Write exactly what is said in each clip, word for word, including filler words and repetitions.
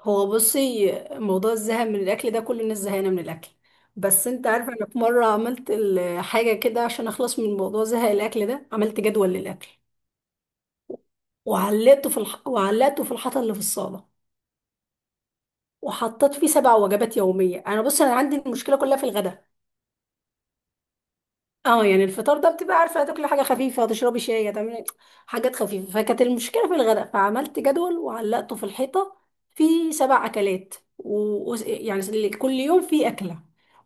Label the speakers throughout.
Speaker 1: هو بصي موضوع الزهق من الاكل ده كل الناس زهقانه من الاكل. بس انت عارفه انا في مره عملت ال- حاجه كده عشان اخلص من موضوع زهق الاكل ده. عملت جدول للاكل وعلقته في الح... وعلقته في الحيطه اللي في الصاله، وحطيت فيه سبع وجبات يوميه. انا بصي انا عندي المشكله كلها في الغداء. اه، يعني الفطار ده بتبقى عارفه هتاكلي حاجه خفيفه، هتشربي شاي، هتعملي حاجات خفيفه. فكانت المشكله في الغداء، فعملت جدول وعلقته في الحيطه في سبع اكلات، و... و- يعني كل يوم في اكله،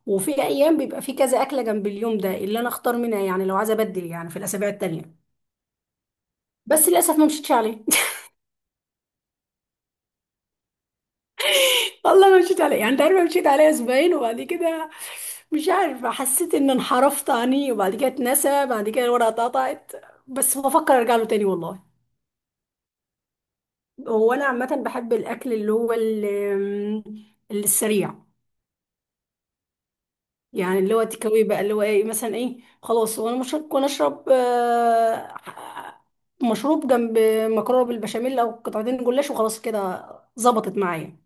Speaker 1: وفي ايام بيبقى في كذا اكله جنب اليوم ده اللي انا اختار منها، يعني لو عايزه ابدل يعني في الاسابيع التانيه. بس للاسف ما مشيتش عليه. والله ما مشيت عليه. يعني انت عارفه مشيت عليه اسبوعين وبعد كده مش عارفه حسيت ان انحرفت عني، وبعد كده اتنسى، بعد كده الورقه اتقطعت. بس بفكر ارجع له تاني والله. هو انا عامه بحب الاكل اللي هو ال- اللي السريع. يعني اللي هو تكاوي بقى، اللي هو ايه مثلا، ايه، خلاص. وانا مش هكون اشرب آه، مشروب جنب مكرونه بالبشاميل، او قطعتين جلاش وخلاص كده، ظبطت معايا.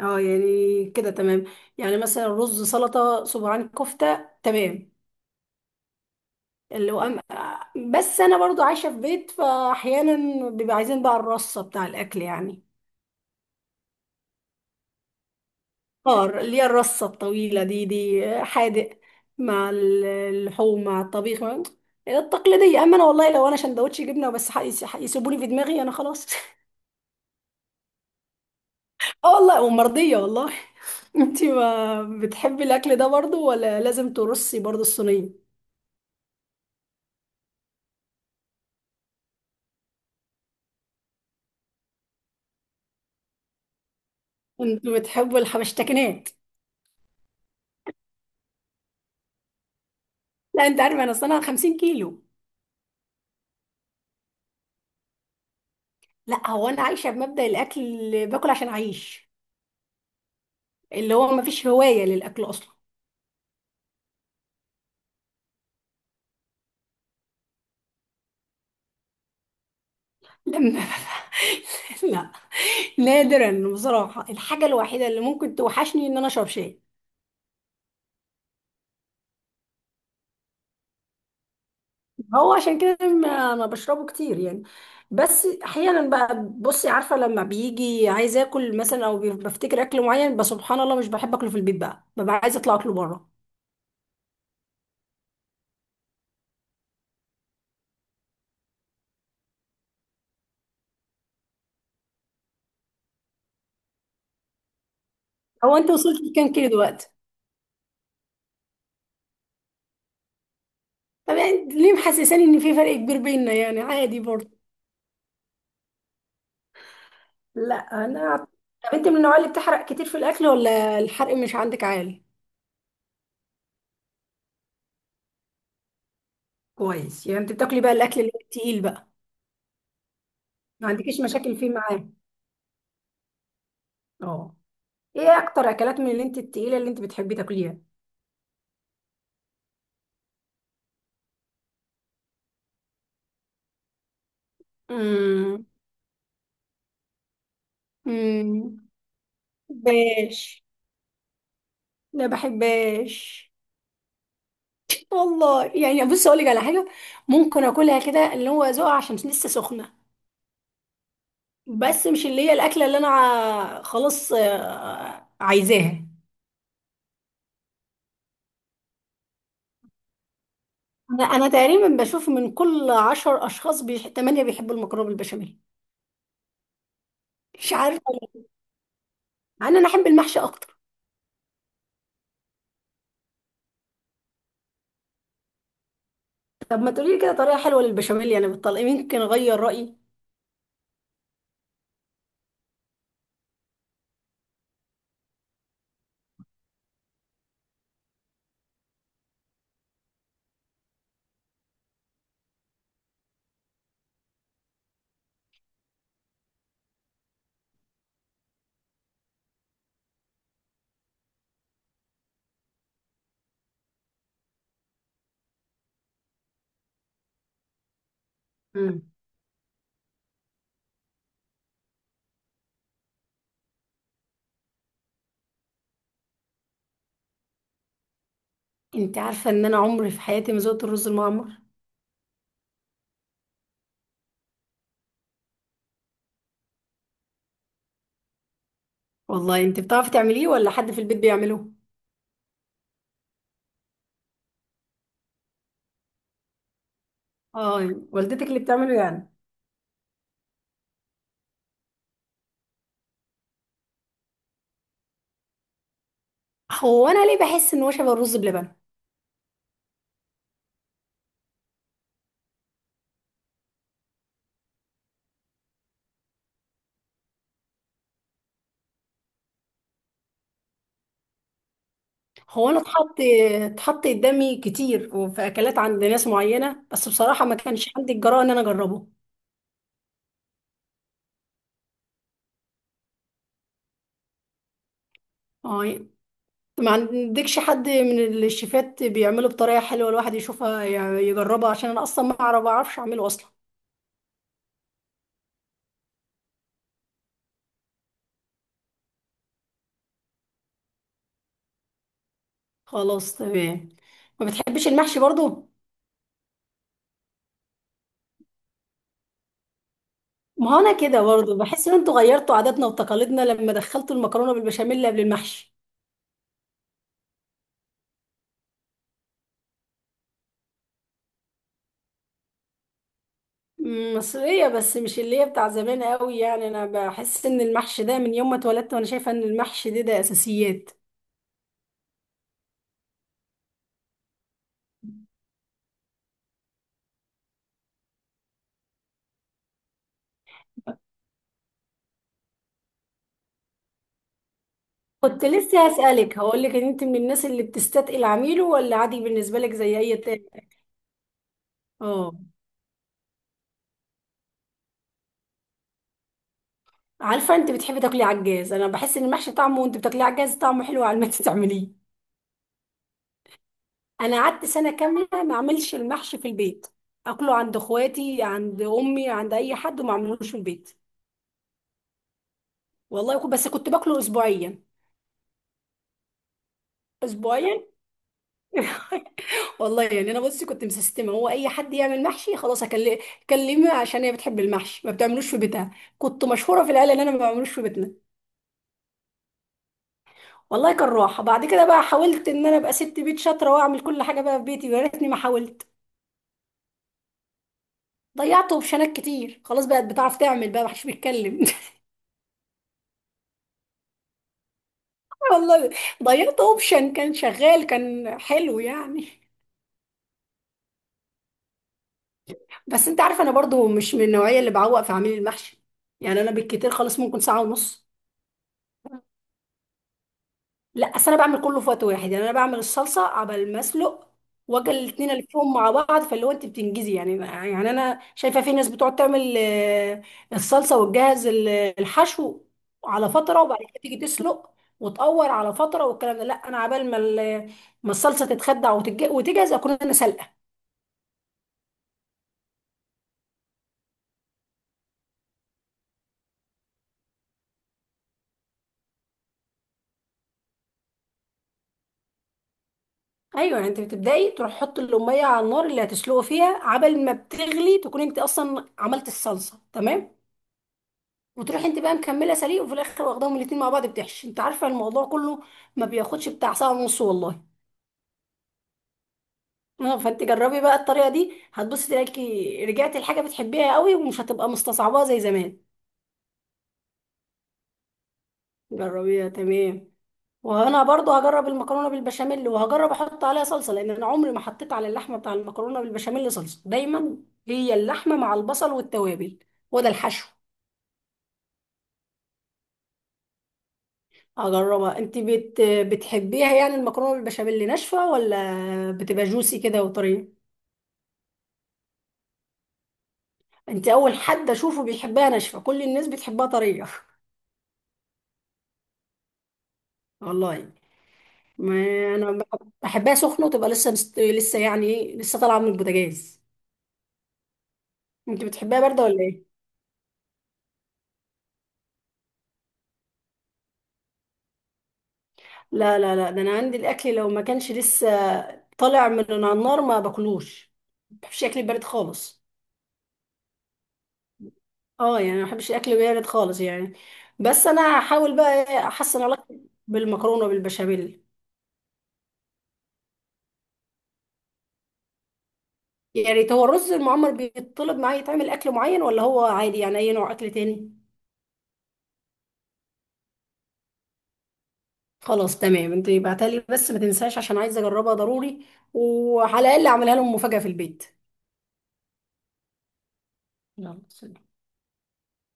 Speaker 1: اه يعني كده تمام. يعني مثلا رز، سلطه، صباعين كفته، تمام. اللي هو أم... بس انا برضو عايشه في بيت، فاحيانا بيبقى عايزين بقى الرصه بتاع الاكل يعني. فار اللي هي الرصة الطويلة دي، دي حادق مع ال- اللحوم، مع الطبيخ، مع- التقليدية. أما أنا والله لو أنا سندوتش جبنة بس يسيبوني في دماغي أنا خلاص. اه والله، ومرضية والله. انتي ما بتحبي الأكل ده برضو، ولا لازم ترصي برضو الصينية؟ انتوا بتحبوا الحبشتكنات. لا، انت عارفة انا اصلا خمسين كيلو. لا هو انا عايشة بمبدأ الاكل اللي باكل عشان اعيش. اللي هو ما فيش هواية للاكل اصلا. لما لا. نادرا بصراحة، الحاجة الوحيدة اللي ممكن توحشني ان انا اشرب شاي. هو عشان كده ما ما بشربه كتير يعني. بس احيانا بقى بصي عارفة لما بيجي عايز اكل مثلا، او بفتكر اكل معين، بس سبحان الله مش بحب اكله في البيت بقى، ببقى عايزة اطلع اكله بره. هو انت وصلت لكام كيلو دلوقتي؟ طب يعني ليه محسساني ان في فرق كبير بيننا؟ يعني عادي برضه. لا انا، طب انت من النوع اللي بتحرق كتير في الاكل ولا الحرق مش عندك عالي؟ كويس. يعني انت بتاكلي بقى الاكل اللي هو التقيل بقى؟ ما عندكيش مشاكل فيه معاه؟ اه. ايه اكتر اكلات من اللي انت التقيله اللي انت بتحبي تاكليها؟ امم. امم بحبهاش. لا بحبهاش. والله يعني بص اقول لك على حاجه، ممكن اكلها كده اللي هو ذوقها عشان لسه سخنه، بس مش اللي هي الاكله اللي انا ع- خلاص آه، عايزاها. انا انا تقريبا بشوف من كل عشر اشخاص بيح... تمانية بيحبوا المكرونه بالبشاميل، مش عارفه ليه. انا انا احب المحشي اكتر. طب ما تقولي لي كده طريقه حلوه للبشاميل، يعني بالطلق يمكن اغير رايي. انت عارفة ان انا عمري في حياتي ما ذقت الرز المعمر. والله انت بتعرفي تعمليه ولا حد في البيت بيعمله؟ اه والدتك اللي بتعمله يعني. هو انا ليه بحس ان هو شبه الرز بلبن؟ هو انا اتحط اتحط قدامي كتير وفي اكلات عند ناس معينة، بس بصراحة ما كانش عندي الجرأة ان انا اجربه. اه. ما عندكش حد من الشيفات بيعمله بطريقة حلوة الواحد يشوفها يعني يجربها؟ عشان انا اصلا ما اعرف ما اعرفش اعمله اصلا. خلاص تمام. ما بتحبش المحشي برضو؟ ما هو انا كده برضه بحس ان انتوا غيرتوا عاداتنا وتقاليدنا لما دخلتوا المكرونه بالبشاميل قبل المحشي. أمم، مصريه، بس مش اللي هي بتاع زمان قوي، يعني انا بحس ان المحشي ده من يوم ما اتولدت وانا شايفه ان المحشي ده ده اساسيات. كنت لسه هسألك هقول لك ان انت من الناس اللي بتستثقل عميله ولا عادي بالنسبه لك زي اي تاني؟ اه عارفه انت بتحبي تاكلي عجاز، انا بحس ان المحشي طعمه وانت بتاكليه عجاز طعمه حلو على ما انت تعمليه. انا قعدت سنه كامله ما اعملش المحشي في البيت، اكله عند اخواتي، عند امي، عند اي حد، وما اعملوش في البيت. والله كنت- بس كنت باكله اسبوعيا، اسبوعيا. والله يعني انا بصي كنت مسستمه، هو اي حد يعمل محشي خلاص اكلمه، كلمه عشان هي بتحب المحشي ما بتعملوش في بيتها. كنت مشهوره في العيله ان انا ما بعملوش في بيتنا والله. كان راحه. بعد كده بقى حاولت ان انا ابقى ست بيت شاطره واعمل كل حاجه بقى في بيتي، يا ريتني ما حاولت، ضيعت اوبشنات كتير. خلاص بقت بتعرف تعمل بقى، محدش بيتكلم والله. ضيعت اوبشن كان شغال كان حلو يعني. بس انت عارف انا برضو مش من النوعيه اللي بعوق في عميل المحشي، يعني انا بالكتير خالص ممكن ساعه ونص. لا اصل انا بعمل كله في وقت واحد، يعني انا بعمل الصلصه عبال ما اسلق، واجي الاتنين الفهم مع بعض، فاللي هو انت بتنجزي يعني. يعني انا شايفه في ناس بتقعد تعمل آه، الصلصه وتجهز ال- الحشو على فتره، وبعد كده تيجي تسلق وتقور على فتره والكلام ده، لا انا عبال ما ال- ما الصلصه تتخدع وتتج- وتجهز، اكون انا سلقه. ايوه، يعني انت بتبداي تروح حط الاميه على النار اللي هتسلقه فيها، عبل ما بتغلي تكون انت اصلا عملت الصلصه، تمام، وتروح انت بقى مكمله سليق، وفي الاخر واخداهم الاتنين مع بعض بتحشي. انت عارفه الموضوع كله ما بياخدش بتاع ساعه ونص والله. اه، فانت جربي بقى الطريقه دي، هتبصي تلاقي رجعتي لحاجه بتحبيها قوي ومش هتبقى مستصعباها زي زمان. جربيها، تمام. وانا برضو هجرب المكرونه بالبشاميل، وهجرب احط عليها صلصه، لان انا عمري ما حطيت على اللحمه بتاع المكرونه بالبشاميل صلصه، دايما هي اللحمه مع البصل والتوابل وده الحشو. هجربها. انت بت... بتحبيها يعني المكرونه بالبشاميل ناشفه ولا بتبقى جوسي كده وطريه؟ انت اول حد اشوفه بيحبها ناشفه، كل الناس بتحبها طريه. والله. ما انا بحبها سخنه وتبقى لسه مست... لسه يعني ايه، لسه طالعه من البوتاجاز. انت بتحبها بارده ولا ايه؟ لا لا لا، ده انا عندي الاكل لو ما كانش لسه طالع من على النار ما باكلوش، ما بحبش الاكل البارد خالص. اه يعني ما بحبش الاكل البارد خالص يعني. بس انا هحاول بقى إيه احسن علاقتي بالمكرونه بالبشاميل. يا ريت. هو الرز المعمر بيطلب معايا يتعمل اكل معين ولا هو عادي يعني اي نوع اكل تاني؟ خلاص تمام، انت ابعتها لي بس ما تنساش عشان عايزه اجربها ضروري، وعلى الاقل اعملها لهم مفاجاه في البيت. يلا سلام.